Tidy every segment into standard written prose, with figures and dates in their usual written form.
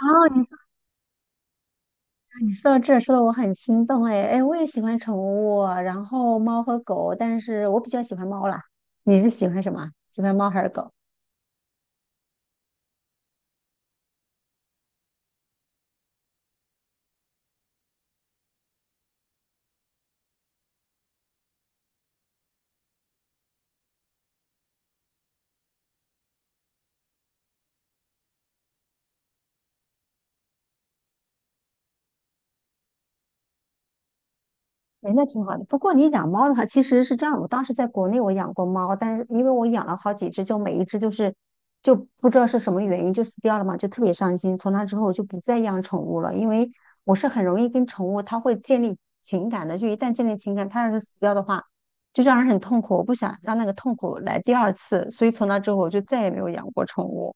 哦，你你说到这儿说的我很心动哎哎，我也喜欢宠物，然后猫和狗，但是我比较喜欢猫啦。你是喜欢什么？喜欢猫还是狗？哎，那挺好的。不过你养猫的话，其实是这样。我当时在国内我养过猫，但是因为我养了好几只，就每一只就不知道是什么原因就死掉了嘛，就特别伤心。从那之后我就不再养宠物了，因为我是很容易跟宠物它会建立情感的。就一旦建立情感，它要是死掉的话，就让人很痛苦。我不想让那个痛苦来第二次，所以从那之后我就再也没有养过宠物。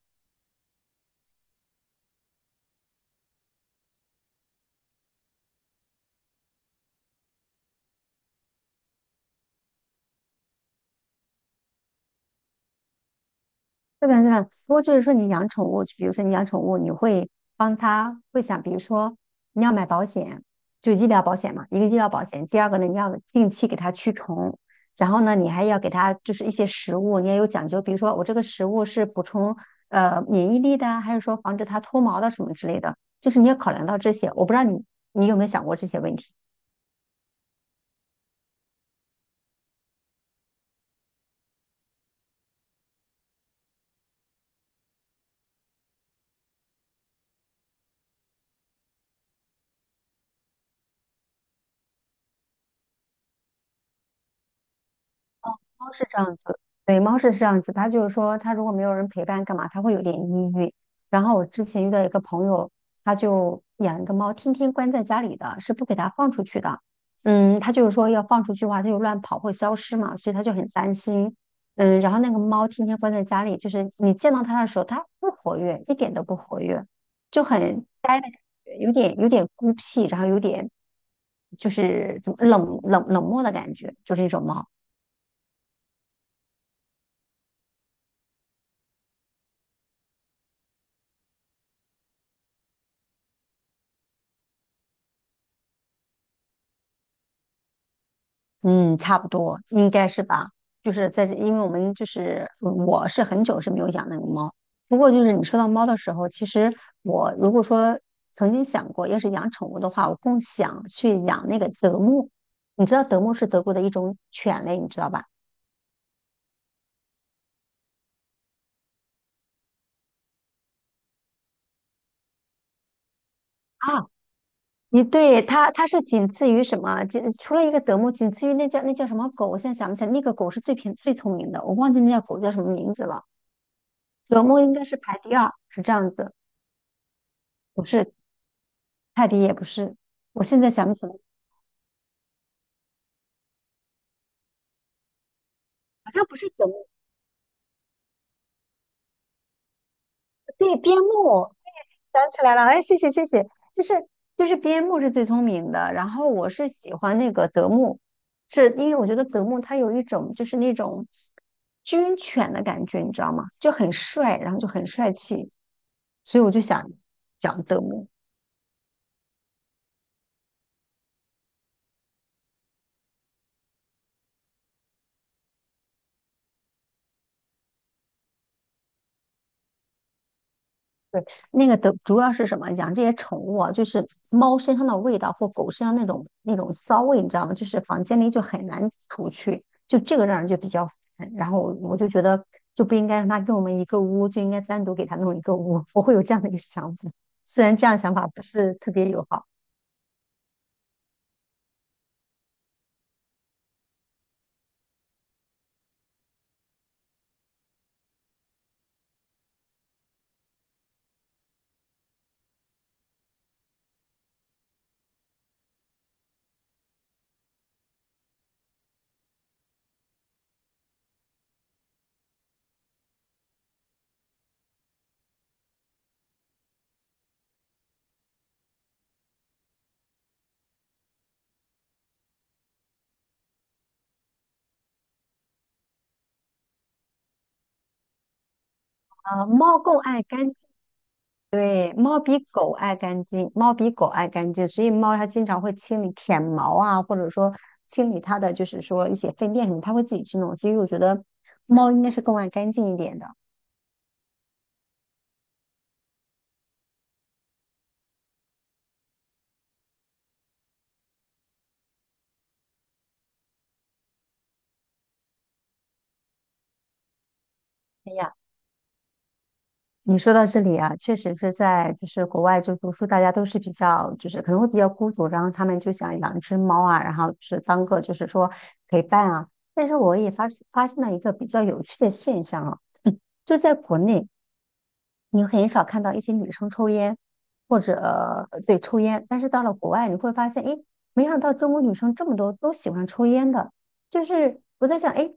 这个呢，不过就是说你养宠物，比如说你养宠物，你会帮它会想，比如说你要买保险，就医疗保险嘛，一个医疗保险。第二个呢，你要定期给它驱虫，然后呢，你还要给它就是一些食物，你也有讲究，比如说我这个食物是补充免疫力的啊，还是说防止它脱毛的什么之类的，就是你要考量到这些。我不知道你有没有想过这些问题。猫是这样子，对，猫是这样子。它就是说，它如果没有人陪伴，干嘛？它会有点抑郁。然后我之前遇到一个朋友，他就养一个猫，天天关在家里的，是不给它放出去的。嗯，他就是说要放出去的话，它就乱跑会消失嘛，所以他就很担心。嗯，然后那个猫天天关在家里，就是你见到它的时候，它不活跃，一点都不活跃，就很呆的感觉，有点孤僻，然后有点就是怎么冷漠的感觉，就是一种猫。嗯，差不多应该是吧。就是在这，因为我们就是嗯我是很久是没有养那个猫。不过就是你说到猫的时候，其实我如果说曾经想过，要是养宠物的话，我更想去养那个德牧。你知道德牧是德国的一种犬类，你知道吧？啊，你对它，它是仅次于什么？仅除了一个德牧，仅次于那叫那叫什么狗？我现在想不起来，那个狗是最偏最聪明的，我忘记那叫狗叫什么名字了。德牧应该是排第二，是这样子。不是，泰迪也不是，我现在想不起来，好像不是德牧，对，边牧，想起来了，哎，谢谢，就是就是边牧是最聪明的，然后我是喜欢那个德牧，是因为我觉得德牧它有一种就是那种军犬的感觉，你知道吗？就很帅，然后就很帅气，所以我就想讲德牧。对，那个的主要是什么？养这些宠物啊，就是猫身上的味道或狗身上那种骚味，你知道吗？就是房间里就很难除去，就这个让人就比较烦。然后我就觉得就不应该让它跟我们一个屋，就应该单独给它弄一个屋。我会有这样的一个想法，虽然这样想法不是特别友好啊。猫更爱干，对，猫比狗爱干净，猫比狗爱干净，所以猫它经常会清理舔毛啊，或者说清理它的就是说一些粪便什么，它会自己去弄。所以我觉得猫应该是更爱干净一点的。哎呀，你说到这里啊，确实是在就是国外就读书，大家都是比较就是可能会比较孤独，然后他们就想养一只猫啊，然后就是当个就是说陪伴啊。但是我也发现了一个比较有趣的现象啊，就在国内。你很少看到一些女生抽烟，或者对抽烟，但是到了国外，你会发现，诶，没想到中国女生这么多都喜欢抽烟的。就是我在想，诶，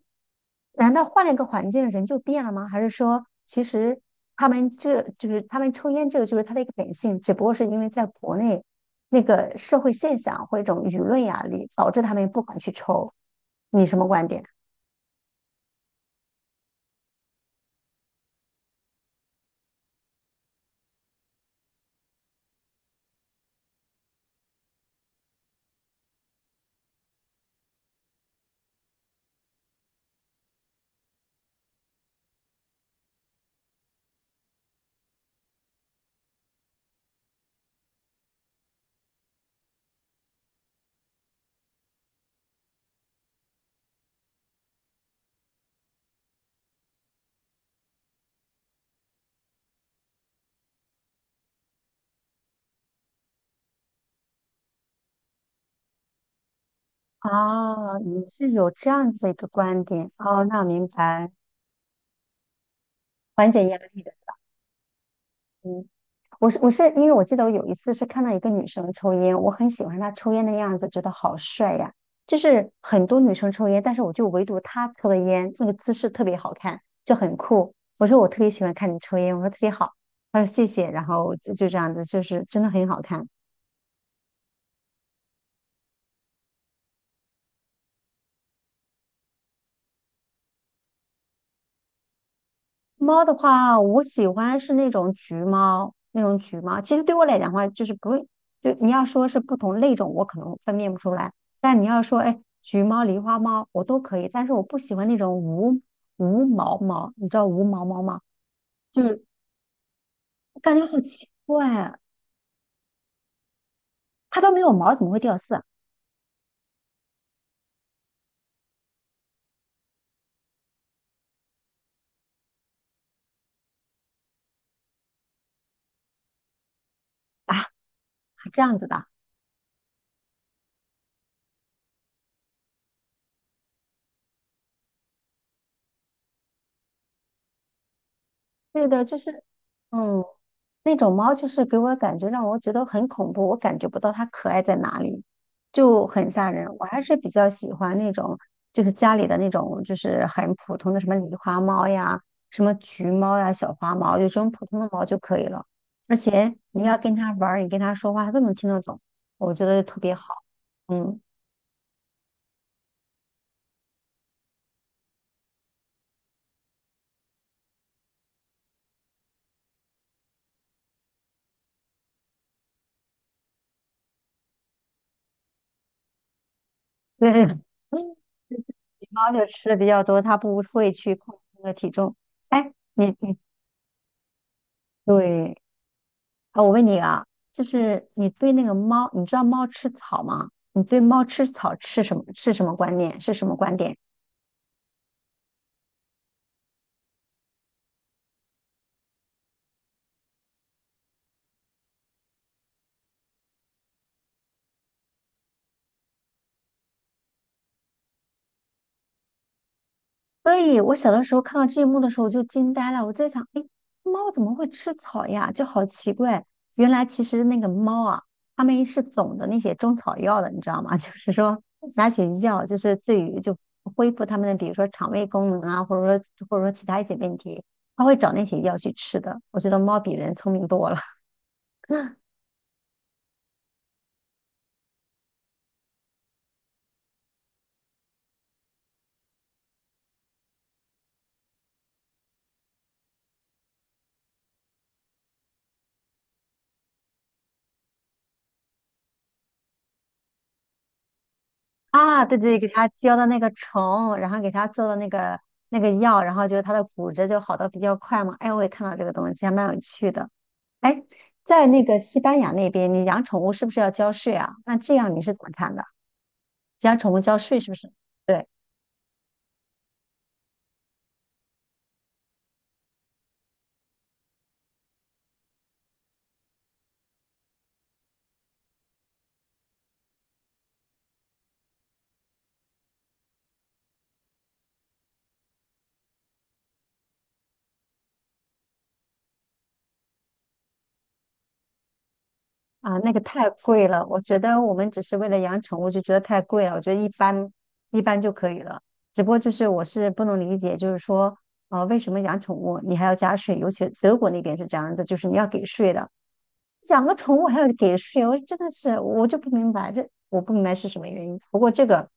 难道换了一个环境人就变了吗？还是说，其实他们这就是他们抽烟这个就是他的一个本性，只不过是因为在国内那个社会现象或一种舆论压力，导致他们不敢去抽。你什么观点？哦，你是有这样子的一个观点哦，那我明白。缓解压力的。嗯，我是因为我记得我有一次是看到一个女生抽烟，我很喜欢她抽烟的样子，觉得好帅呀。就是很多女生抽烟，但是我就唯独她抽的烟那个姿势特别好看，就很酷。我说我特别喜欢看你抽烟，我说特别好。她说谢谢，然后就这样子，就是真的很好看。猫的话，我喜欢是那种橘猫，那种橘猫。其实对我来讲的话，就是不会，就你要说是不同类种，我可能分辨不出来。但你要说，哎，橘猫、狸花猫，我都可以。但是我不喜欢那种无毛猫，你知道无毛猫吗？就是感觉好奇怪啊，它都没有毛，怎么会掉色啊？啊这样子的。对的，就是，嗯，那种猫就是给我感觉让我觉得很恐怖，我感觉不到它可爱在哪里，就很吓人。我还是比较喜欢那种，就是家里的那种，就是很普通的什么狸花猫呀、什么橘猫呀、小花猫，就这种普通的猫就可以了。而且你要跟它玩儿，你跟它说话，它都能听得懂，我觉得特别好。嗯，对，就是橘猫就吃的比较多，它不会去控制那个体重。哎，你你对。啊，我问你啊，就是你对那个猫，你知道猫吃草吗？你对猫吃草吃什么是什么观念？是什么观点？所以我小的时候看到这一幕的时候，我就惊呆了。我在想，哎，猫怎么会吃草呀？就好奇怪。原来其实那个猫啊，它们是懂得那些中草药的，你知道吗？就是说拿起药，就是对于就恢复它们的，比如说肠胃功能啊，或者说其他一些问题，它会找那些药去吃的。我觉得猫比人聪明多了。啊，对对，给他浇的那个虫，然后给他做的那个药，然后就是他的骨折就好的比较快嘛。哎，我也看到这个东西，还蛮有趣的。哎，在那个西班牙那边，你养宠物是不是要交税啊？那这样你是怎么看的？养宠物交税是不是？对啊，那个太贵了，我觉得我们只是为了养宠物就觉得太贵了，我觉得一般就可以了。只不过就是我是不能理解，就是说为什么养宠物你还要加税？尤其德国那边是这样的，就是你要给税的。养个宠物还要给税，我真的是我就不明白这我不明白是什么原因。不过这个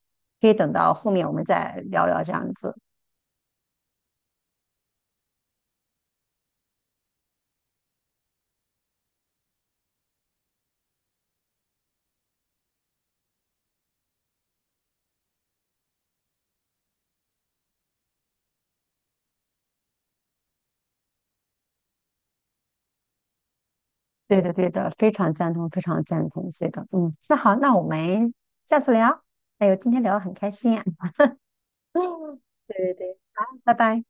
可以等到后面我们再聊聊这样子。对的，对的，非常赞同，非常赞同。对的，嗯，那好，那我们下次聊。哎呦，今天聊得很开心啊。嗯，对对对，好，拜拜。